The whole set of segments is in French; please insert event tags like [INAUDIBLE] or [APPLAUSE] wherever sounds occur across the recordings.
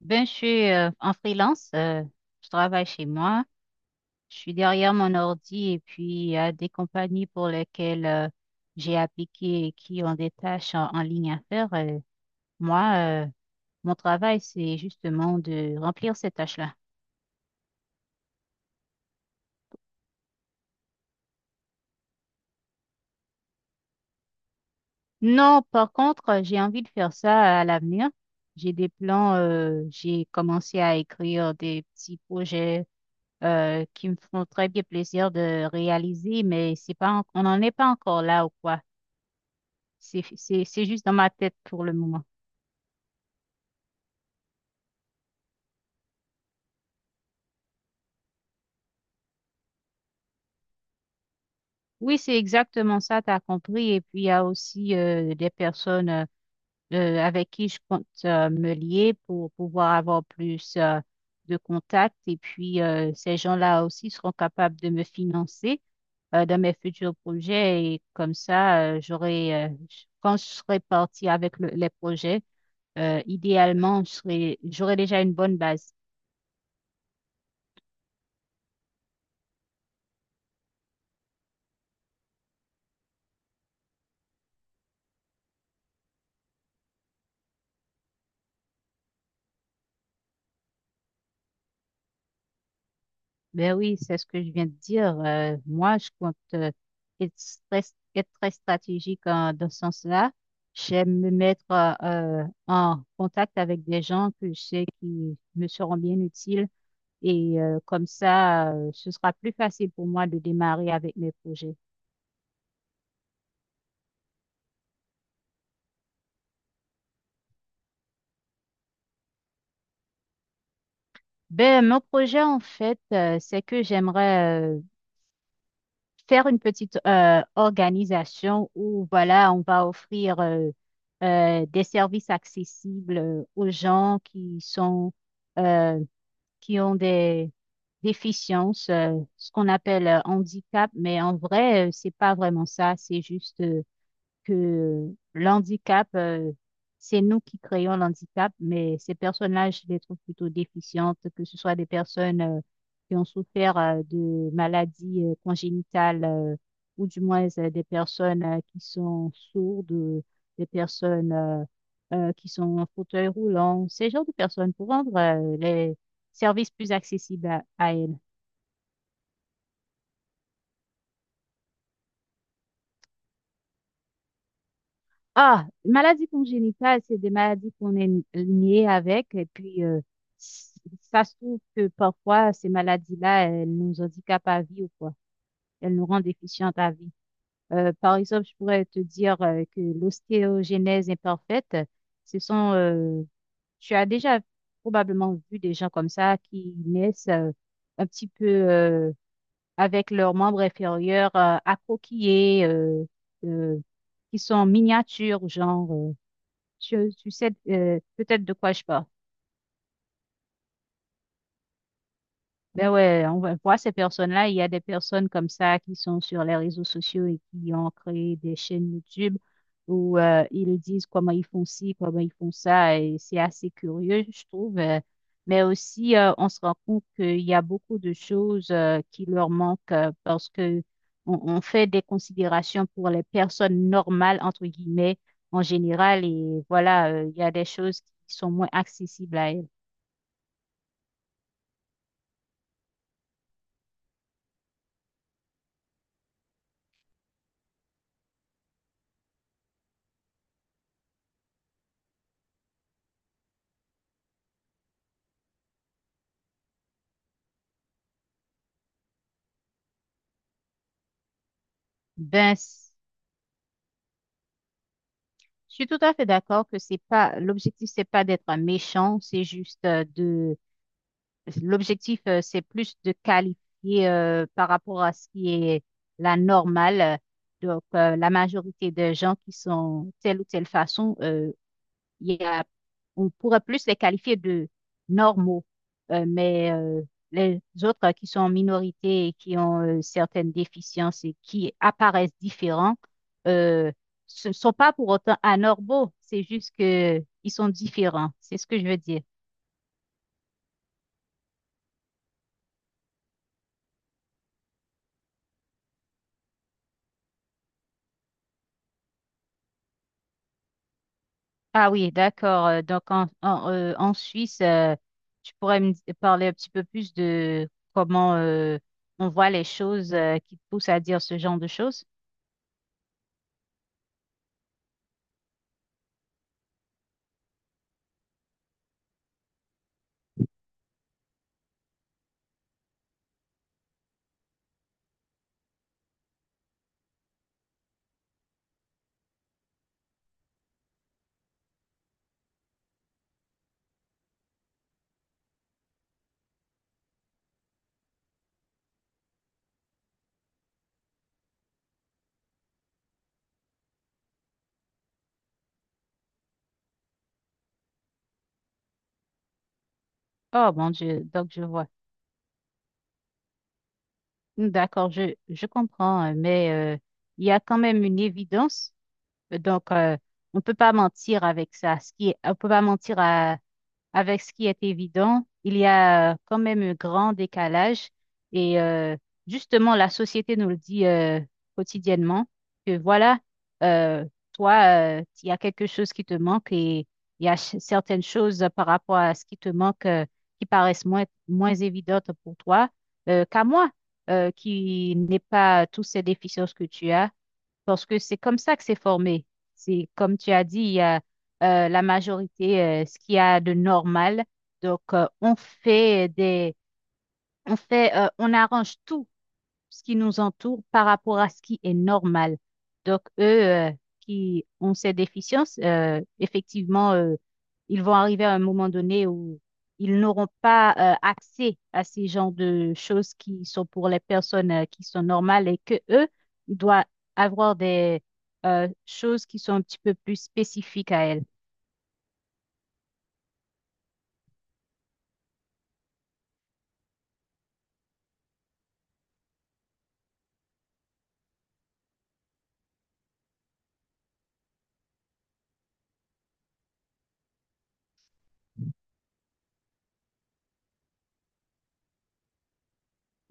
Je suis en freelance. Je travaille chez moi. Je suis derrière mon ordi et puis il y a des compagnies pour lesquelles j'ai appliqué et qui ont des tâches en ligne à faire. Moi, mon travail, c'est justement de remplir ces tâches-là. Non, par contre, j'ai envie de faire ça à l'avenir. J'ai des plans. J'ai commencé à écrire des petits projets qui me font très bien plaisir de réaliser, mais c'est pas, en- on n'en est pas encore là ou quoi. C'est juste dans ma tête pour le moment. Oui, c'est exactement ça, tu as compris. Et puis, il y a aussi des personnes avec qui je compte me lier pour pouvoir avoir plus de contacts. Et puis, ces gens-là aussi seront capables de me financer dans mes futurs projets. Et comme ça, j'aurai, quand je serai partie avec les projets, idéalement, j'aurai déjà une bonne base. Ben oui, c'est ce que je viens de dire. Moi, je compte être très, être très stratégique dans ce sens-là. J'aime me mettre en contact avec des gens que je sais qui me seront bien utiles et comme ça, ce sera plus facile pour moi de démarrer avec mes projets. Ben, mon projet, en fait, c'est que j'aimerais faire une petite organisation où, voilà, on va offrir des services accessibles aux gens qui sont, euh, qui ont des déficiences, ce qu'on appelle handicap, mais en vrai, c'est pas vraiment ça, c'est juste que l'handicap, c'est nous qui créons l'handicap, mais ces personnes-là, je les trouve plutôt déficientes, que ce soit des personnes qui ont souffert de maladies congénitales, ou du moins des personnes qui sont sourdes, des personnes qui sont en fauteuil roulant, ces genres de personnes pour rendre les services plus accessibles à elles. Ah, maladie congénitale, c'est des maladies qu'on est liées avec. Et puis, s- ça se trouve que parfois, ces maladies-là, elles nous handicapent à vie ou quoi. Elles nous rendent déficientes à vie. Par exemple, je pourrais te dire que l'ostéogenèse imparfaite, ce sont, tu as déjà probablement vu des gens comme ça qui naissent un petit peu avec leurs membres inférieurs accroquillés, euh, qui sont miniatures, genre. Tu sais peut-être de quoi je parle. Ben ouais, on va voir ces personnes-là. Il y a des personnes comme ça qui sont sur les réseaux sociaux et qui ont créé des chaînes YouTube où ils disent comment ils font ci, comment ils font ça. Et c'est assez curieux, je trouve. Mais aussi, on se rend compte qu'il y a beaucoup de choses qui leur manquent parce que on fait des considérations pour les personnes normales, entre guillemets, en général. Et voilà, il y a des choses qui sont moins accessibles. Ben, c- je suis tout à fait d'accord que c'est pas l'objectif, c'est pas d'être méchant, c'est juste de l'objectif, c'est plus de qualifier par rapport à ce qui est la normale. Donc, la majorité des gens qui sont telle ou telle façon, il y a, on pourrait plus les qualifier de normaux. Euh, mais euh, les autres qui sont en minorité et qui ont certaines déficiences et qui apparaissent différents, euh, ce ne sont pas pour autant anormaux, c'est juste que ils sont différents, c'est ce que je veux dire. Ah oui, d'accord. Donc en Suisse, tu pourrais parler un petit peu plus de comment on voit les choses qui te poussent à dire ce genre de choses? Oh mon Dieu, donc je vois. D'accord, je comprends, mais euh, il y a quand même une évidence. Donc, on peut pas mentir avec ça. On peut pas mentir avec ce qui est évident, il y a quand même un grand décalage. Et justement, la société nous le dit quotidiennement que voilà, euh, toi, il y a quelque chose qui te manque et il y a certaines choses par rapport à ce qui te manque qui paraissent moins évidentes pour toi qu'à moi, qui n'ai pas tous ces déficiences que tu as. Parce que c'est comme ça que c'est formé. C'est comme tu as dit, il y a la majorité, ce qu'il y a de normal. Donc, on fait, on arrange tout ce qui nous entoure par rapport à ce qui est normal. Donc, eux qui ont ces déficiences, effectivement, ils vont arriver à un moment donné où ils n'auront pas accès à ces genres de choses qui sont pour les personnes qui sont normales et que eux doivent avoir des choses qui sont un petit peu plus spécifiques à elle.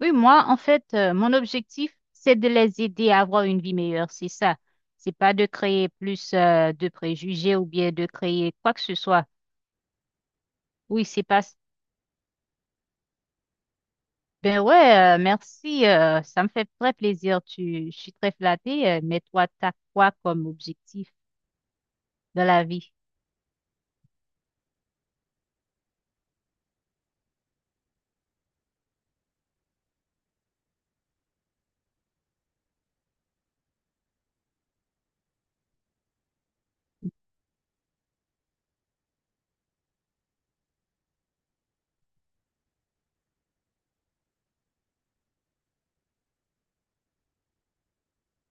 Oui, moi, en fait, mon objectif, c'est de les aider à avoir une vie meilleure, c'est ça. C'est pas de créer plus, de préjugés ou bien de créer quoi que ce soit. Oui, c'est pas, Ben ouais, merci. Ça me fait très plaisir. Je suis très flattée. Mais toi, t'as quoi comme objectif dans la vie?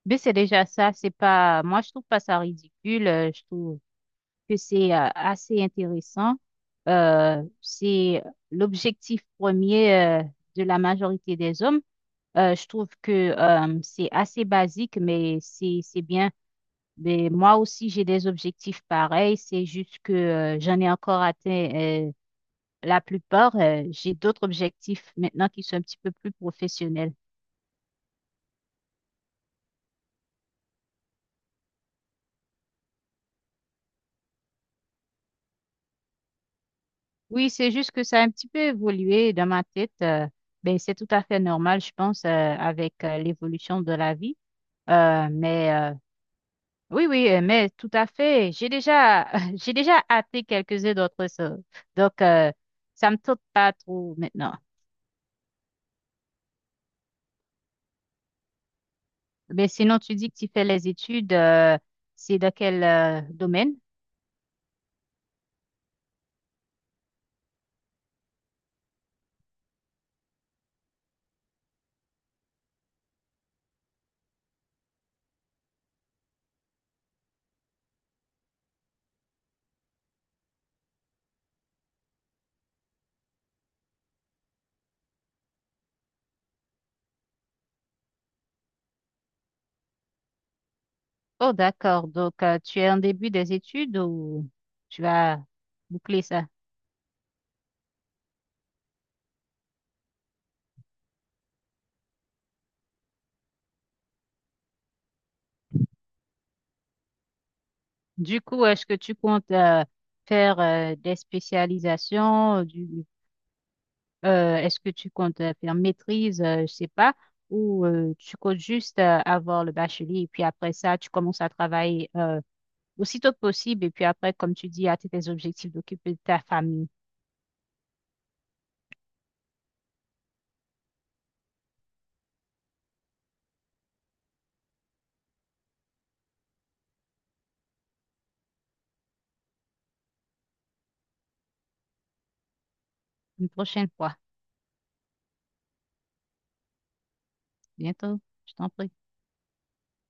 Ben c'est déjà ça. C'est pas. Moi, je trouve pas ça ridicule. Je trouve que c'est assez intéressant. C'est l'objectif premier de la majorité des hommes. Je trouve que c'est assez basique, mais c'est bien. Mais moi aussi, j'ai des objectifs pareils. C'est juste que j'en ai encore atteint. La plupart, j'ai d'autres objectifs maintenant qui sont un petit peu plus professionnels. Oui, c'est juste que ça a un petit peu évolué dans ma tête. Ben, c'est tout à fait normal, je pense, avec l'évolution de la vie. Euh, mais euh, oui, oui, mais tout à fait. J'ai déjà, [LAUGHS] j'ai déjà hâté quelques-uns d'autres choses. Donc, ça me tente pas trop maintenant. Mais sinon, tu dis que tu fais les études. C'est dans quel domaine? Oh, d'accord. Donc, tu es en début des études ou tu vas boucler ça? Du coup, est-ce que tu comptes faire des spécialisations? Est-ce que tu comptes faire maîtrise? Je sais pas. Ou tu comptes juste avoir le bachelier et puis après ça, tu commences à travailler aussitôt que possible et puis après, comme tu dis, à tes objectifs d'occuper de ta famille une prochaine fois. Bientôt, je t'en prie.